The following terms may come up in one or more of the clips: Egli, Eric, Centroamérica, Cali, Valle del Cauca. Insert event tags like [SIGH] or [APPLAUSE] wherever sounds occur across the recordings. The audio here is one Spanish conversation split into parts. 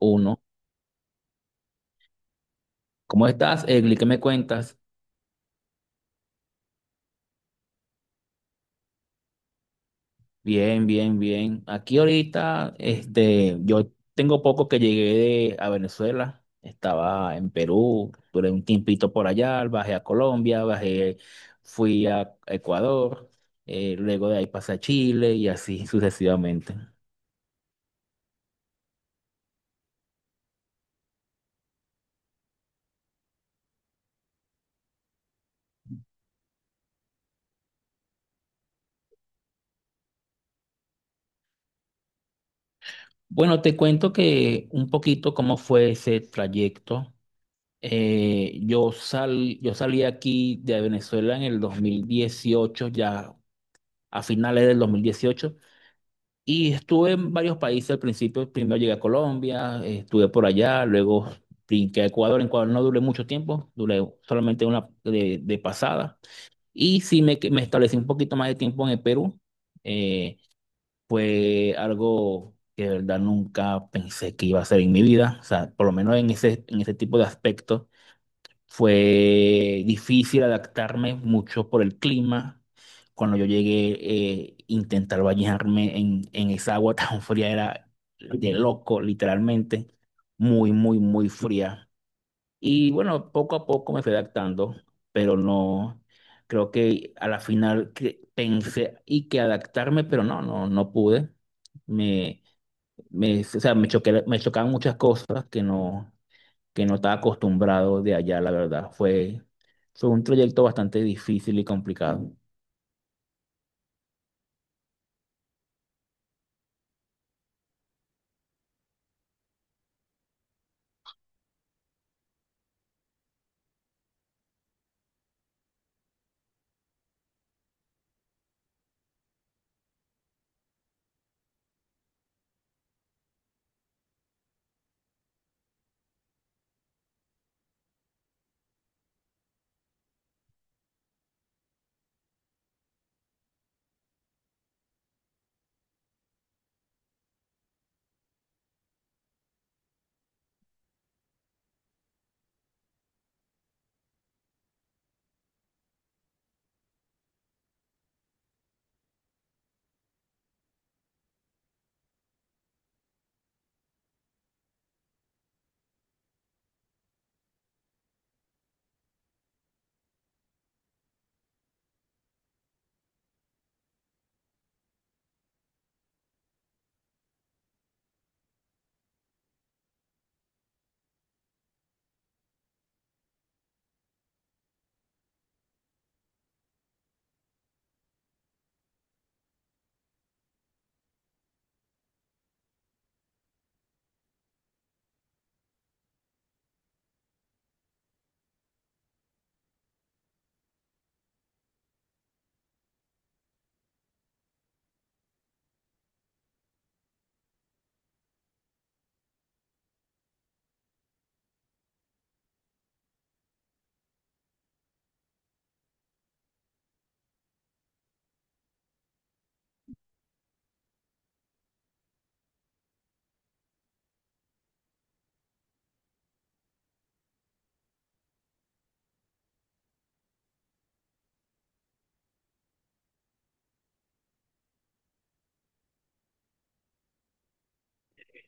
Uno. ¿Cómo estás, Egli? ¿Qué me cuentas? Bien, bien, bien. Aquí ahorita, yo tengo poco que llegué a Venezuela. Estaba en Perú, duré un tiempito por allá, bajé a Colombia, bajé, fui a Ecuador, luego de ahí pasé a Chile y así [LAUGHS] sucesivamente. Bueno, te cuento que un poquito cómo fue ese trayecto. Yo salí aquí de Venezuela en el 2018 ya a finales del 2018, y estuve en varios países al principio. Primero llegué a Colombia, estuve por allá, luego brinqué a Ecuador. En Ecuador no duré mucho tiempo, duré solamente una de pasada. Y sí me establecí un poquito más de tiempo en el Perú. eh, Fue algo que de verdad nunca pensé que iba a hacer en mi vida, o sea, por lo menos en ese tipo de aspectos fue difícil adaptarme mucho por el clima. Cuando yo llegué, intentar bañarme en esa agua [LAUGHS] tan fría era de loco, literalmente. Muy, muy, muy fría. Y bueno, poco a poco me fui adaptando, pero no, creo que a la final que pensé y que adaptarme, pero no pude. Me, o sea, me chocaban muchas cosas que que no estaba acostumbrado de allá, la verdad. Fue un trayecto bastante difícil y complicado.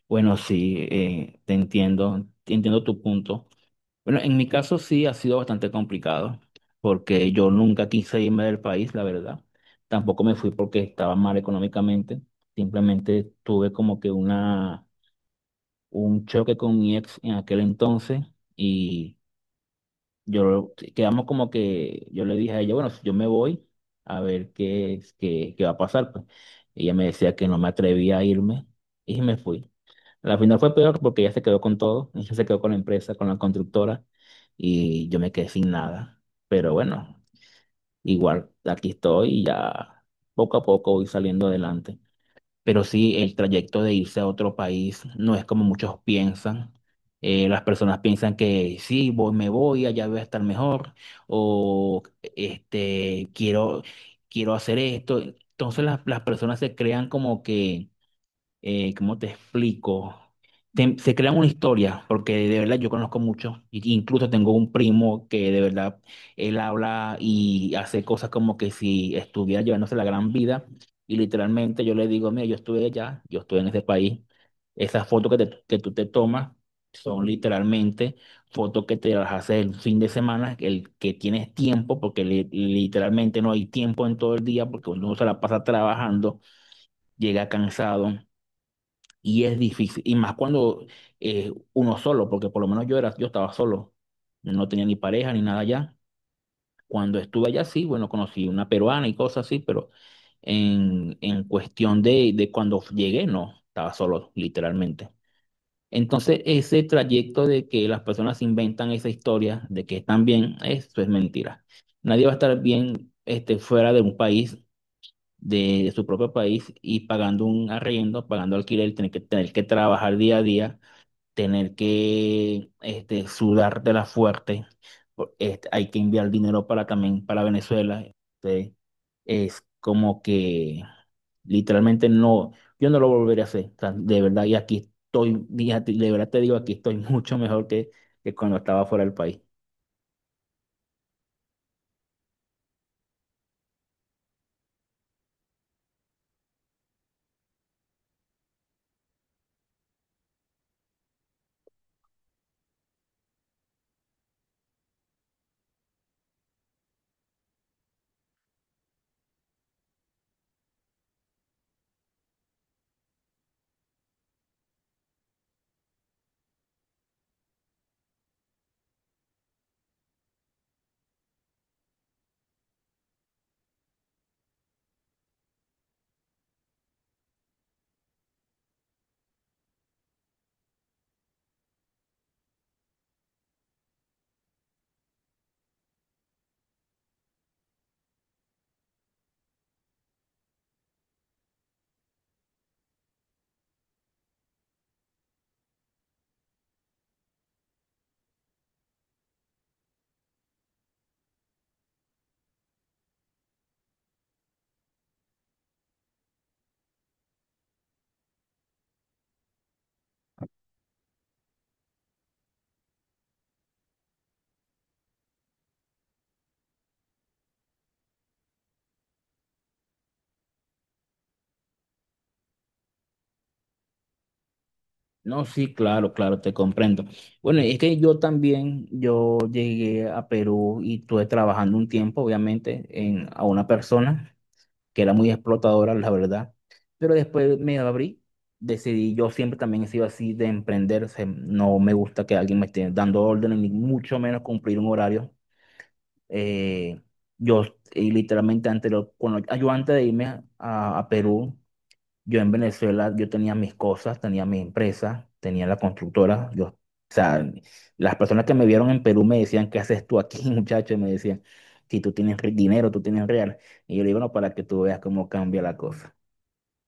Bueno, sí, te entiendo tu punto. Bueno, en mi caso sí ha sido bastante complicado, porque yo nunca quise irme del país, la verdad. Tampoco me fui porque estaba mal económicamente. Simplemente tuve como que un choque con mi ex en aquel entonces y yo quedamos como que yo le dije a ella, bueno, si yo me voy a ver qué va a pasar, pues. Ella me decía que no me atrevía a irme y me fui. La final fue peor porque ella se quedó con todo, [LAUGHS] ella se quedó con la empresa, con la constructora y yo me quedé sin nada. Pero bueno, igual aquí estoy y ya poco a poco voy saliendo adelante. Pero sí, el trayecto de irse a otro país no es como muchos piensan. Las personas piensan que sí, voy, me voy, allá voy a estar mejor, o este, quiero, quiero hacer esto. Entonces las personas se crean como que ¿cómo te explico? Se crean una historia, porque de verdad yo conozco mucho, incluso tengo un primo que de verdad él habla y hace cosas como que si estuviera llevándose la gran vida, y literalmente yo le digo, mira, yo estuve allá, yo estuve en ese país, esas fotos que tú te tomas son literalmente fotos que te las haces el fin de semana, el que tienes tiempo, porque literalmente no hay tiempo en todo el día, porque uno se la pasa trabajando, llega cansado. Y es difícil, y más cuando uno solo, porque por lo menos yo estaba solo, no tenía ni pareja ni nada allá. Cuando estuve allá, sí, bueno, conocí una peruana y cosas así, pero en cuestión de cuando llegué, no, estaba solo, literalmente. Entonces, ese trayecto de que las personas inventan esa historia de que están bien, eso es mentira. Nadie va a estar bien fuera de un país, de su propio país, y pagando un arriendo, pagando alquiler, tener que trabajar día a día, tener que sudártela fuerte. Hay que enviar dinero para también para Venezuela. Es como que literalmente no, yo no lo volveré a hacer. O sea, de verdad, y aquí estoy, fíjate, de verdad te digo, aquí estoy [LAUGHS] mucho mejor que cuando estaba fuera del país. No, sí, claro, claro, te comprendo. Bueno, es que yo también, yo llegué a Perú y estuve trabajando un tiempo, obviamente, a una persona que era muy explotadora, la verdad. Pero después me abrí, decidí, yo siempre también he sido así de emprender, o sea, no me gusta que alguien me esté dando órdenes, ni mucho menos cumplir un horario. Eh, yo, y literalmente, yo antes de irme a Perú, yo en Venezuela, yo tenía mis cosas, tenía mi empresa, tenía la constructora. O sea, las personas que me vieron en Perú me decían, ¿qué haces tú aquí, [LAUGHS] muchacho? Y me decían, si tú tienes dinero, tú tienes real. Y yo le digo, no, para que tú veas cómo cambia la cosa.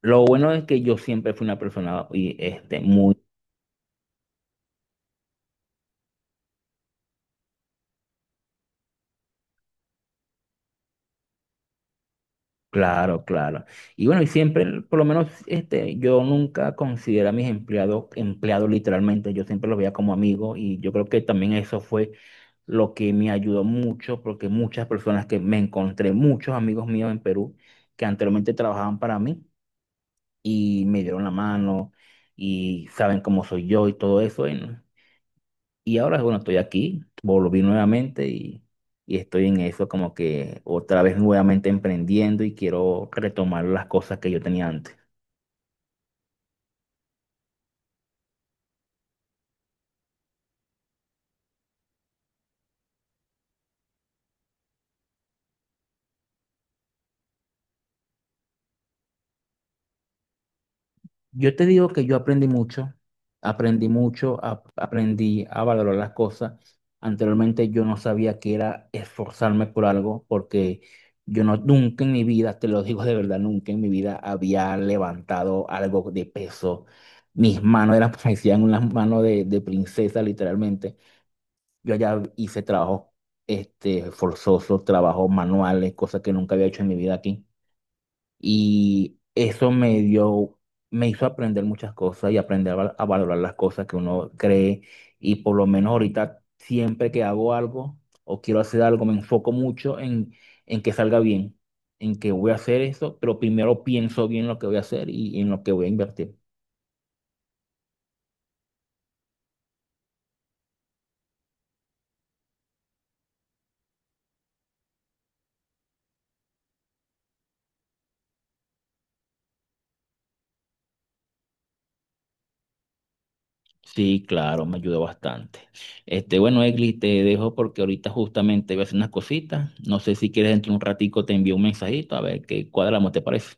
Lo bueno es que yo siempre fui una persona y, muy. Claro, claro. Y bueno, y siempre, por lo menos, yo nunca considero a mis empleados empleados literalmente, yo siempre los veía como amigos y yo creo que también eso fue lo que me ayudó mucho porque muchas personas que me encontré, muchos amigos míos en Perú que anteriormente trabajaban para mí y me dieron la mano y saben cómo soy yo y todo eso, y no. Y ahora, bueno, estoy aquí, volví nuevamente y estoy en eso como que otra vez nuevamente emprendiendo y quiero retomar las cosas que yo tenía antes. Yo te digo que yo aprendí mucho, aprendí mucho, aprendí a valorar las cosas. Anteriormente yo no sabía que era esforzarme por algo porque yo no, nunca en mi vida, te lo digo de verdad, nunca en mi vida había levantado algo de peso. Mis manos eran, [LAUGHS] parecían unas manos de princesa, literalmente. Yo allá hice trabajo forzoso, trabajos manuales, cosas que nunca había hecho en mi vida aquí. Y eso me hizo aprender muchas cosas y aprender a valorar las cosas que uno cree. Y por lo menos ahorita, siempre que hago algo o quiero hacer algo, me enfoco mucho en que salga bien, en que voy a hacer eso, pero primero pienso bien lo que voy a hacer y en lo que voy a invertir. Sí, claro, me ayudó bastante. Bueno, Egli, te dejo porque ahorita justamente voy a hacer unas cositas. No sé si quieres dentro de un ratico te envío un mensajito a ver qué cuadramos, ¿te parece?